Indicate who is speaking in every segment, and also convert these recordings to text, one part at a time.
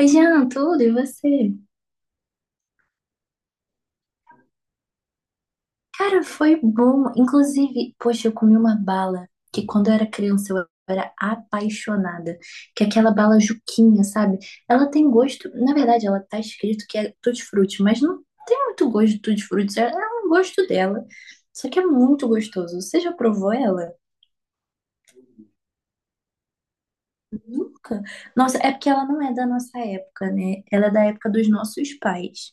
Speaker 1: Oi, Jean, tudo? E você? Cara, foi bom. Inclusive, poxa, eu comi uma bala que quando eu era criança eu era apaixonada. Que é aquela bala Juquinha, sabe? Ela tem gosto. Na verdade, ela tá escrito que é tutti-frutti, mas não tem muito gosto de tutti-frutti. É um gosto dela. Só que é muito gostoso. Você já provou ela? Nunca. Nossa, é porque ela não é da nossa época, né? Ela é da época dos nossos pais.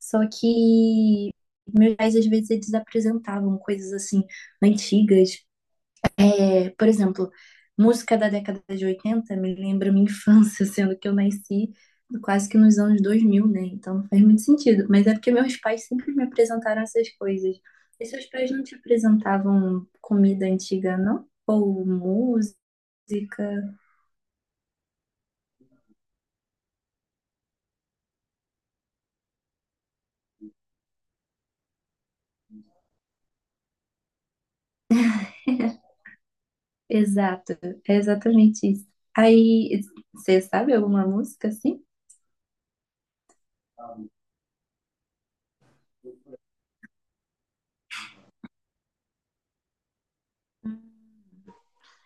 Speaker 1: Só que meus pais, às vezes, eles apresentavam coisas assim, antigas. É, por exemplo, música da década de 80 me lembra minha infância, sendo que eu nasci quase que nos anos 2000, né? Então não faz muito sentido. Mas é porque meus pais sempre me apresentaram essas coisas. E seus pais não te apresentavam comida antiga, não? Ou música? Exato, é exatamente isso. Aí, você sabe alguma música assim?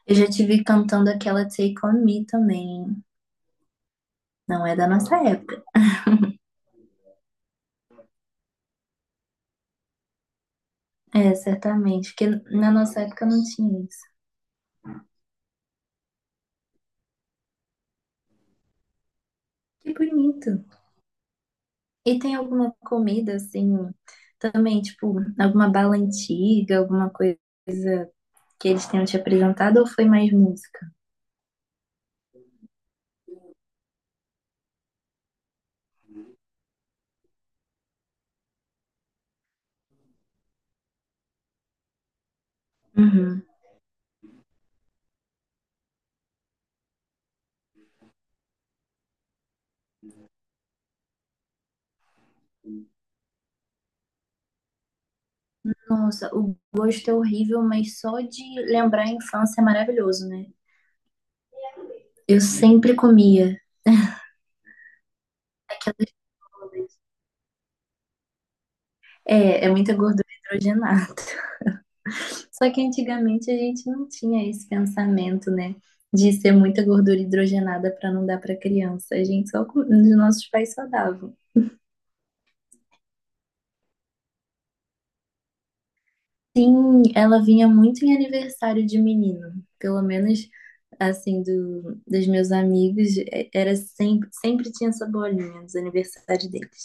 Speaker 1: Eu já tive cantando aquela Take On Me também. Não é da nossa época. É, certamente, porque na nossa época não tinha isso. Que bonito. E tem alguma comida assim, também, tipo, alguma bala antiga, alguma coisa que eles tenham te apresentado ou foi mais música? Uhum. Nossa, o gosto é horrível, mas só de lembrar a infância é maravilhoso, né? Eu sempre comia aquelas bolas. É muita gordura hidrogenada. Só que antigamente a gente não tinha esse pensamento, né? De ser muita gordura hidrogenada para não dar para criança. A gente só, os nossos pais só davam. Sim, ela vinha muito em aniversário de menino. Pelo menos, assim, do, dos meus amigos, era sempre, sempre tinha essa bolinha nos aniversários deles.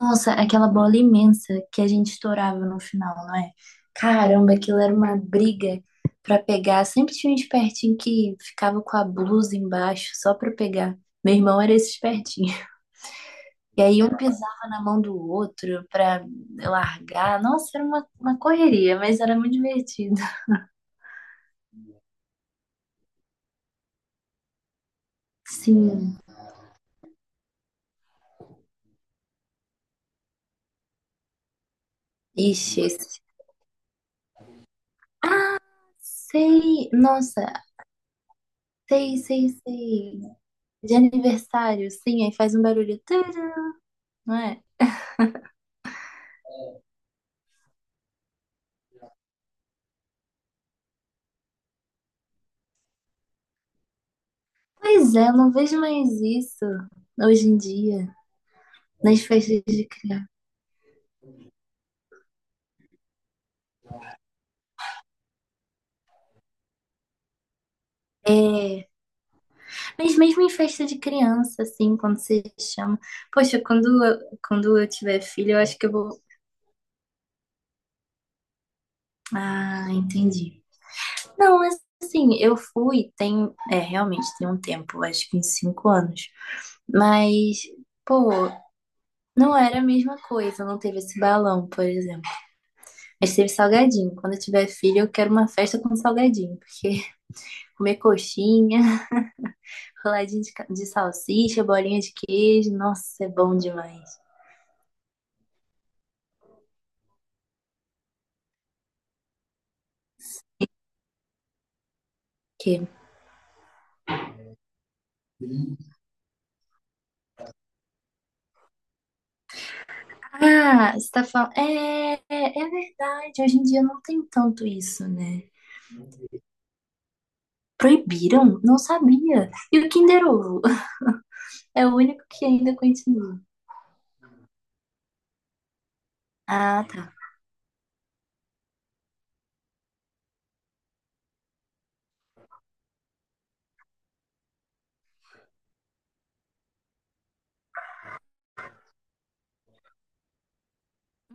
Speaker 1: Nossa, aquela bola imensa que a gente estourava no final, não é? Caramba, aquilo era uma briga pra pegar. Sempre tinha um espertinho que ficava com a blusa embaixo só pra pegar. Meu irmão era esse espertinho. E aí um pisava na mão do outro pra largar. Nossa, era uma correria, mas era muito divertido. Sim. Ixi, sei. Nossa, sei, sei, sei. De aniversário, sim, aí faz um barulho, tcharam, não é? Pois é, eu não vejo mais isso hoje em dia, nas festas de criança. É, mas mesmo em festa de criança, assim, quando você chama. Poxa, quando eu tiver filho, eu acho que eu vou. Ah, entendi. Não, mas assim, eu fui, tem. É, realmente tem um tempo, acho que uns 5 anos. Mas, pô, não era a mesma coisa, não teve esse balão, por exemplo. Mas teve salgadinho. Quando eu tiver filho, eu quero uma festa com salgadinho, porque comer coxinha. Roladinho de, de salsicha, bolinha de queijo. Nossa, é bom demais. Que... Ah, você tá falando. É verdade. Hoje em dia não tem tanto isso, né? Proibiram? Não sabia. E o Kinder Ovo? É o único que ainda continua. Ah, tá.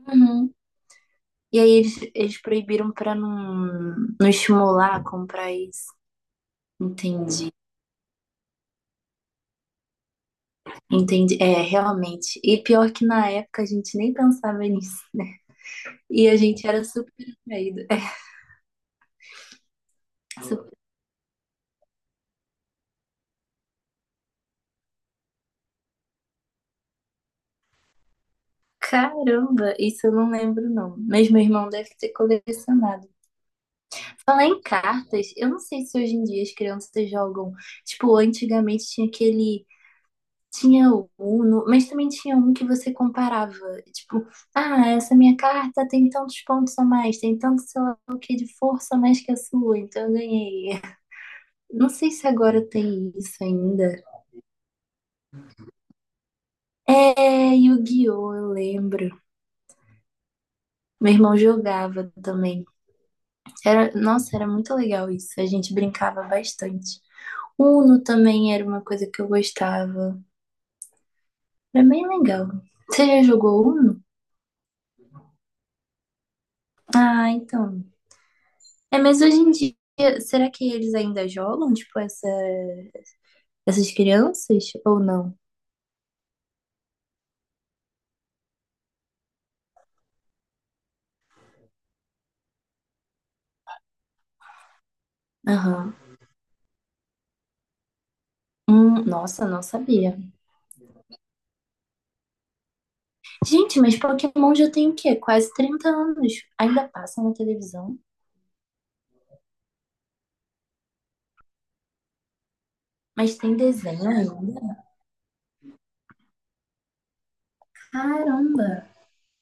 Speaker 1: Uhum. E aí eles proibiram pra não estimular a comprar isso. Entendi, entendi. É, realmente. E pior que na época a gente nem pensava nisso, né? E a gente era super atraído. É. Caramba, isso eu não lembro não. Mas meu irmão deve ter colecionado. Falar em cartas, eu não sei se hoje em dia as crianças jogam. Tipo, antigamente tinha aquele. Tinha o Uno, mas também tinha um que você comparava. Tipo, ah, essa minha carta tem tantos pontos a mais, tem tanto, sei lá o que, de força a mais que a sua, então eu ganhei. Não sei se agora tem isso ainda. É, Yu-Gi-Oh! Eu lembro. Meu irmão jogava também. Era, nossa, era muito legal isso. A gente brincava bastante. Uno também era uma coisa que eu gostava. Era bem legal. Você já jogou Uno? Ah, então. É, mas hoje em dia, será que eles ainda jogam, tipo, essa, essas crianças ou não? Aham. Nossa, não sabia. Gente, mas Pokémon já tem o quê? Quase 30 anos. Ainda passa na televisão, mas tem desenho ainda. Caramba,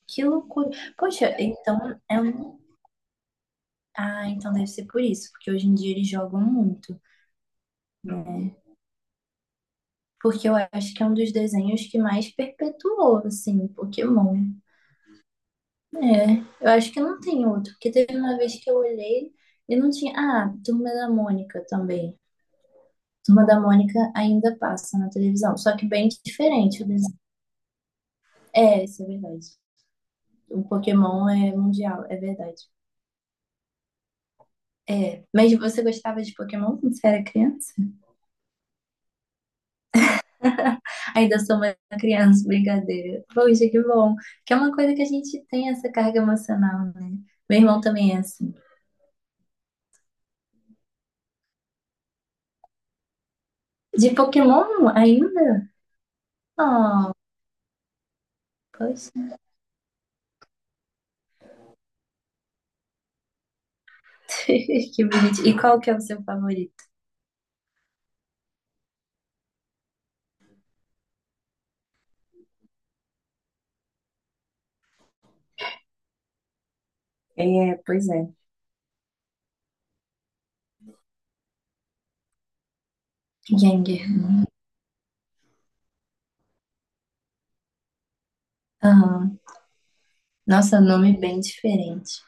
Speaker 1: que loucura. Poxa, então é um. Ah, então deve ser por isso, porque hoje em dia eles jogam muito, né? Porque eu acho que é um dos desenhos que mais perpetuou, assim, Pokémon. É, eu acho que não tem outro, porque teve uma vez que eu olhei e não tinha. Ah, Turma da Mônica também. Turma da Mônica ainda passa na televisão, só que bem diferente o desenho. É, isso é verdade. O Pokémon é mundial, é verdade. É, mas você gostava de Pokémon quando você era criança? Ainda sou uma criança, brincadeira. Poxa, que bom. Que é uma coisa que a gente tem essa carga emocional, né? Meu irmão também é assim. De Pokémon ainda? Oh, poxa. Que bonito. E qual que é o seu favorito? É, pois é. Gengar. Aham. Nossa, nome bem diferente.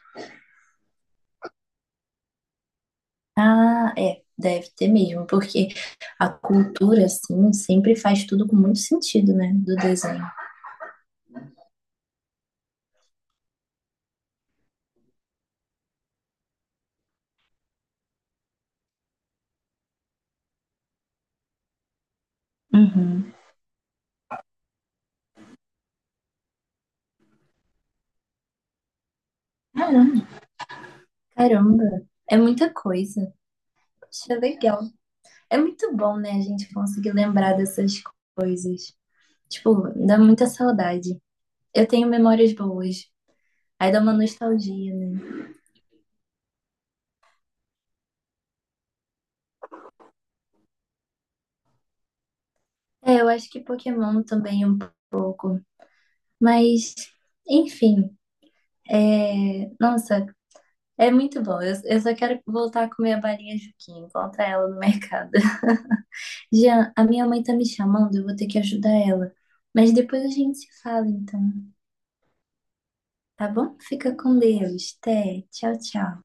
Speaker 1: Ah, é. Deve ter mesmo, porque a cultura, assim, sempre faz tudo com muito sentido, né? Do desenho. Uhum. Caramba. Caramba. É muita coisa. Poxa, legal. É muito bom, né, a gente conseguir lembrar dessas coisas. Tipo, dá muita saudade. Eu tenho memórias boas. Aí dá uma nostalgia, né? É, eu acho que Pokémon também um pouco. Mas, enfim, nossa, é muito bom. Eu só quero voltar a comer a balinha Juquinha, encontrar ela no mercado. Jean, a minha mãe tá me chamando, eu vou ter que ajudar ela. Mas depois a gente se fala, então, tá bom? Fica com Deus. Até. Tchau, tchau.